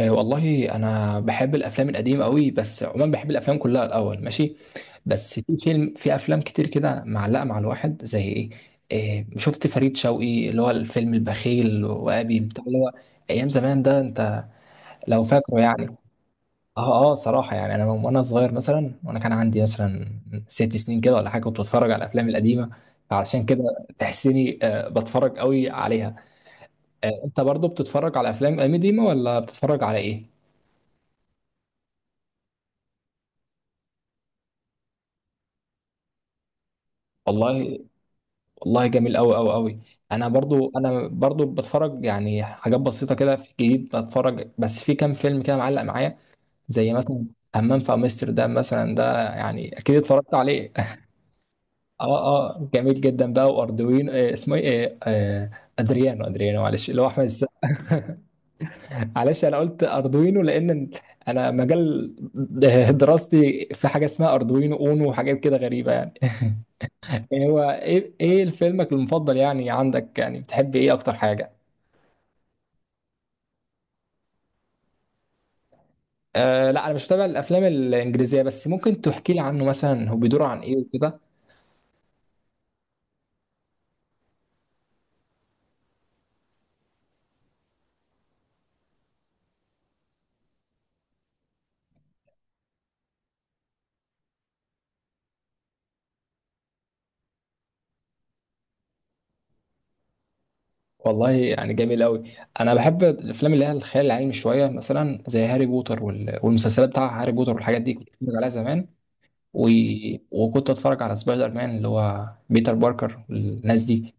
آه، والله انا بحب الافلام القديمه قوي، بس عموما بحب الافلام كلها الاول ماشي. بس في افلام كتير كده معلقه مع الواحد، زي ايه؟ إيه، شفت فريد شوقي اللي هو الفيلم البخيل وابي بتاع اللي هو ايام زمان ده انت، لو فاكره يعني. اه اه، صراحه يعني انا وانا صغير مثلا، وانا كان عندي مثلا ست سنين كده ولا حاجه كنت بتفرج على الافلام القديمه، علشان كده تحسيني بتفرج قوي عليها. انت برضو بتتفرج على افلام قديمه ولا بتتفرج على ايه؟ والله. والله جميل قوي قوي قوي. انا برضو بتفرج يعني حاجات بسيطه كده في الجديد بتفرج، بس في كام فيلم كده معلق معايا، زي مثلا همام في امستردام مثلا، ده يعني اكيد اتفرجت عليه. اه اه، جميل جدا بقى. واردوينو، اسمه ايه؟ ادريانو، ادريانو معلش، اللي هو احمد السقا. معلش، انا قلت اردوينو لان انا مجال دراستي في حاجه اسمها اردوينو اونو، وحاجات كده غريبه يعني. هو ايه فيلمك المفضل يعني؟ عندك يعني بتحب ايه اكتر حاجه؟ آه لا، انا مش متابع الافلام الانجليزيه، بس ممكن تحكي لي عنه مثلا، هو بيدور عن ايه وكده؟ والله يعني جميل قوي. انا بحب الافلام اللي هي الخيال العلمي شويه، مثلا زي هاري بوتر والمسلسلات بتاع هاري بوتر والحاجات دي كنت بتفرج عليها زمان. و... وكنت اتفرج على سبايدر مان اللي هو بيتر باركر والناس دي.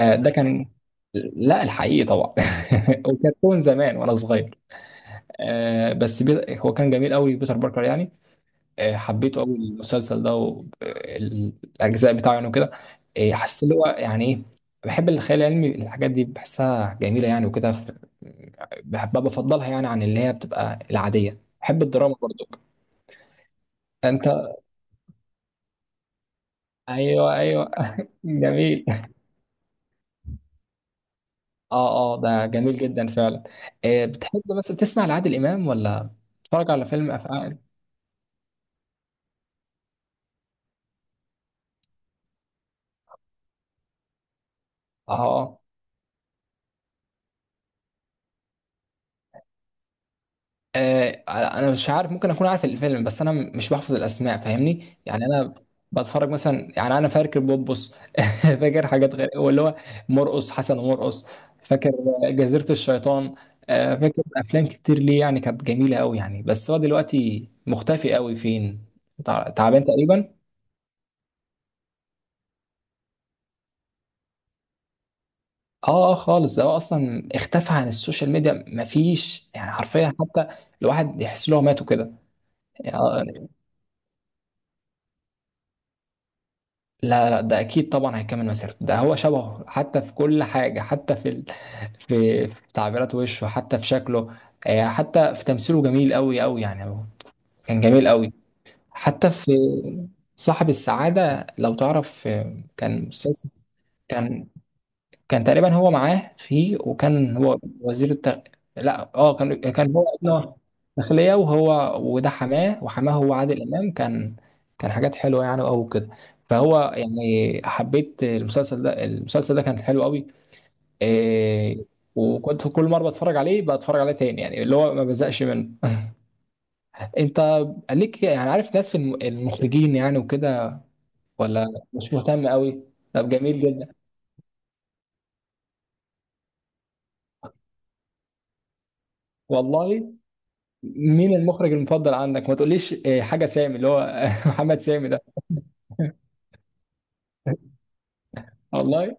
آه ده كان، لا، الحقيقي طبعا. وكرتون زمان وانا صغير. آه بس هو كان جميل قوي بيتر باركر يعني. حبيته قوي المسلسل ده والاجزاء بتاعه يعني وكده. حسيت اللي هو يعني ايه. بحب الخيال العلمي، الحاجات دي بحسها جميله يعني وكده بحبها، بفضلها يعني عن اللي هي بتبقى العاديه. بحب الدراما برضو. انت ايوه ايوه، جميل. اه اه، ده جميل جدا فعلا. بتحب مثلا تسمع لعادل امام ولا تتفرج على فيلم افعال؟ اه. آه. انا مش عارف، ممكن اكون عارف الفيلم، بس انا مش بحفظ الاسماء، فاهمني يعني. انا بتفرج مثلا، يعني انا فاكر بوبوس. فاكر حاجات غير واللي هو مرقص حسن ومرقص. فاكر جزيرة الشيطان. فاكر افلام كتير ليه يعني كانت جميلة قوي يعني، بس هو دلوقتي مختفي قوي فين، تعبان تقريبا. اه اه، خالص. ده هو اصلا اختفى عن السوشيال ميديا، مفيش يعني حرفيا حتى الواحد يحس ان هو مات وكده. يعني لا لا، ده اكيد طبعا هيكمل مسيرته، ده هو شبهه حتى في كل حاجه، حتى في في تعبيرات وشه، حتى في شكله. حتى في تمثيله جميل قوي قوي يعني. هو كان جميل قوي. حتى في صاحب السعاده لو تعرف، كان مسلسل. كان كان تقريبا هو معاه فيه، وكان هو وزير التغ... لا، كان هو ابنه. داخلية، وهو وده حماه، وحماه هو عادل امام كان. كان حاجات حلوه يعني قوي وكده، فهو يعني حبيت المسلسل ده، المسلسل ده كان حلو قوي. إيه. وكنت كل مره بتفرج عليه بتفرج عليه تاني، يعني اللي هو ما بزقش منه. انت ليك يعني عارف ناس في المخرجين يعني وكده ولا مش مهتم قوي؟ طب جميل جدا. والله مين المخرج المفضل عندك؟ ما تقوليش حاجه سامي اللي هو محمد سامي ده. والله.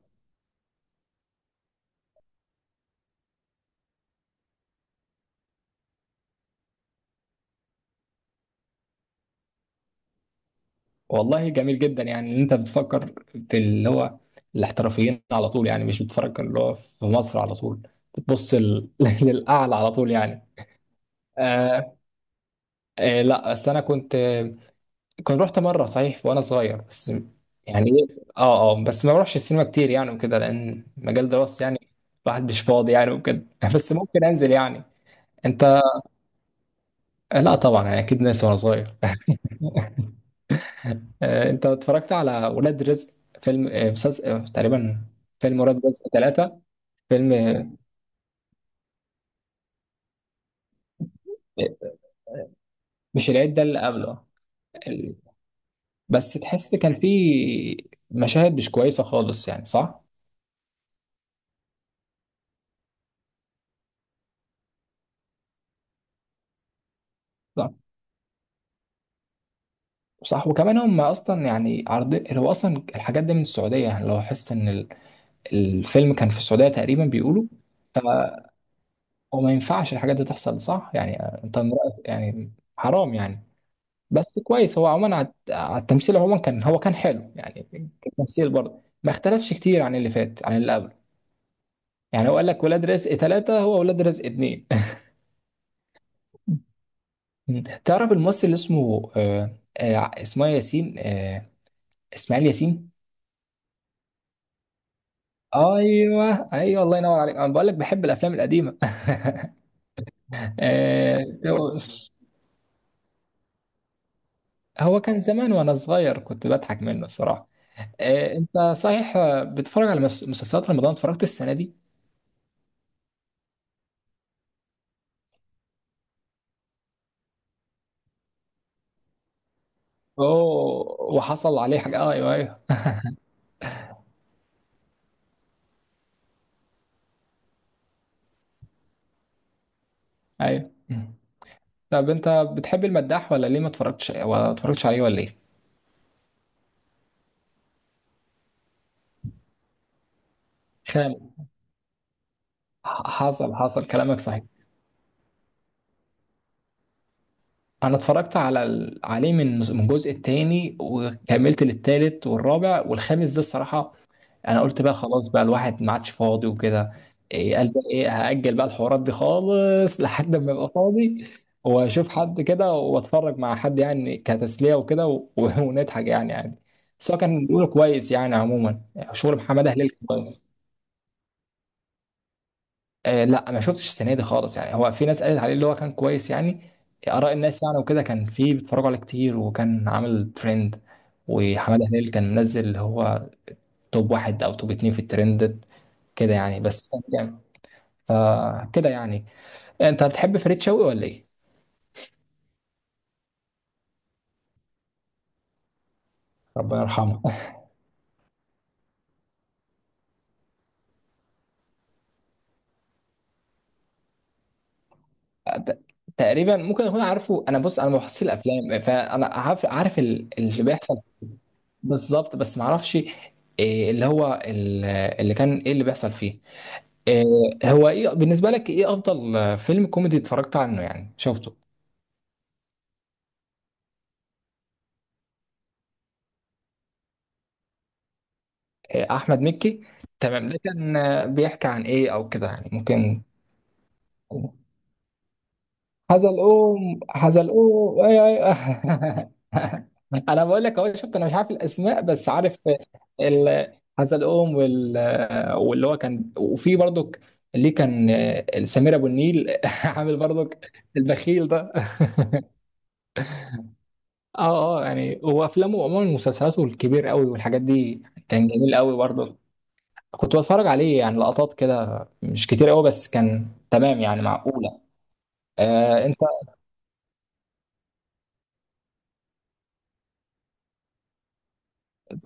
والله جميل جدا يعني ان انت بتفكر في اللي هو الاحترافيين على طول يعني، مش بتفكر اللي هو في مصر على طول، بتبص للاعلى على طول يعني. آه لا بس انا كنت، كنت رحت مره صحيح وانا صغير بس. يعني اه اه، بس ما بروحش السينما كتير يعني وكده، لان مجال دراستي يعني الواحد مش فاضي يعني وكده، بس ممكن انزل يعني. انت آه، لا طبعا يعني اكيد ناسي وانا صغير. انت اتفرجت على ولاد رزق، فيلم، مسلسل، تقريبا؟ فيلم ولاد رزق ثلاثة، فيلم مش العيد ده اللي قبله؟ ال- بس تحس كان فيه مشاهد مش كويسة خالص يعني، صح؟ صح. صح وكمان هم اصلا يعني عرض، هو اصلا الحاجات دي من السعودية يعني، لو حس ان الفيلم كان في السعودية تقريبا بيقولوا، فهو ما ينفعش الحاجات دي تحصل، صح؟ يعني انت من رأيك يعني حرام يعني. بس كويس هو عموما، على التمثيل عموما كان، هو كان حلو يعني. التمثيل برضه ما اختلفش كتير عن اللي فات، عن اللي قبله يعني. هو قال لك ولاد رزق ثلاثة، هو ولاد رزق اتنين. تعرف الممثل اللي اسمه اسمه إيه؟ ياسين، اسماعيل ياسين. ايوه ايوه، الله ينور عليك. انا بقول لك بحب الافلام القديمه. آه هو هو كان زمان وانا صغير كنت بضحك منه الصراحه. انت صحيح، بتتفرج على مسلسلات رمضان؟ اتفرجت السنه دي؟ اوه، وحصل عليه حاجة. ايوه ايوه ايوه. مم. طب انت بتحب المداح ولا ليه ما اتفرجتش، ولا اتفرجتش عليه ولا ايه؟ خامس، حصل كلامك صحيح. انا اتفرجت على عليه من الجزء الثاني، وكملت للثالث والرابع والخامس ده الصراحة. انا قلت بقى خلاص بقى الواحد ما عادش فاضي وكده. إيه قال بقى ايه، هأجل بقى الحوارات دي خالص لحد ما ابقى فاضي واشوف حد كده واتفرج مع حد يعني كتسلية وكده ونضحك يعني عادي. بس هو كان بيقول كويس يعني عموما. شغل محمد هلال كان كويس. لا ما شفتش السنة دي خالص يعني، هو في ناس قالت عليه اللي هو كان كويس يعني، آراء الناس يعني وكده، كان في بيتفرجوا عليه كتير وكان عامل ترند. وحماده هلال كان منزل اللي هو توب واحد او توب اتنين في الترندد كده يعني، بس يعني فكده يعني. انت بتحب فريد شوقي ولا ايه؟ ربنا يرحمه. ت- تقريبا ممكن اكون عارفه. انا بص، انا ما بحصل الافلام، فانا عارف، اللي بيحصل. بالظبط، بس ما اعرفش إيه اللي هو اللي كان ايه اللي بيحصل فيه. إيه، هو ايه بالنسبه لك، ايه افضل فيلم كوميدي اتفرجت عنه يعني شفته؟ إيه، احمد مكي تمام. ده كان بيحكي عن ايه او كده يعني، ممكن؟ حزلقوم، حزلقوم، ايوه ايوه. انا بقول لك اهو، شفت انا مش عارف الاسماء بس عارف ال- حزلقوم وال. واللي هو كان وفي برضك، اللي كان سمير ابو النيل عامل برضك البخيل ده. اه اه، يعني هو افلامه عموما مسلسلاته الكبير قوي والحاجات دي كان جميل قوي برضه، كنت بتفرج عليه يعني لقطات كده مش كتير قوي، بس كان تمام يعني، معقولة. آه.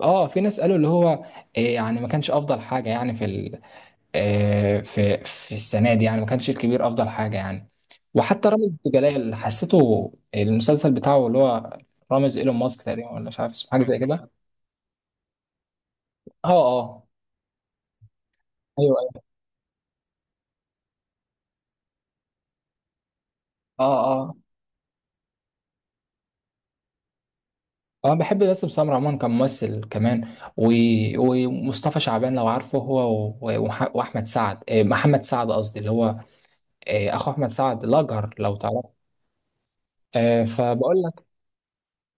اه، في ناس قالوا اللي هو يعني ما كانش افضل حاجه يعني في ال... آه، في السنه دي يعني، ما كانش الكبير افضل حاجه يعني. وحتى رامز جلال حسيته المسلسل بتاعه اللي هو رامز ايلون ماسك تقريبا، ولا مش عارف اسمه، حاجه زي كده. اه اه ايوه ايوه. اه اه اه بحب باسم سمرة عموما كممثل كمان، و... ومصطفى شعبان لو عارفه هو، واحمد سعد، محمد سعد قصدي اللي هو اخو احمد سعد الاجهر لو تعرفه. فبقول لك.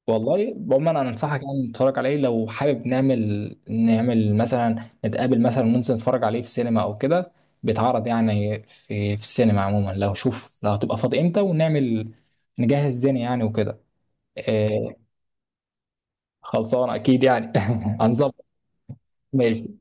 والله عموما انا انصحك يعني تتفرج عليه، لو حابب نعمل، نعمل مثلا نتقابل مثلا وننزل نتفرج عليه في سينما او كده، بيتعرض يعني في السينما عموما، لو شوف لو هتبقى فاضي امتى ونعمل نجهز الدنيا يعني وكده. آه خلصان اكيد يعني. هنظبط. ماشي.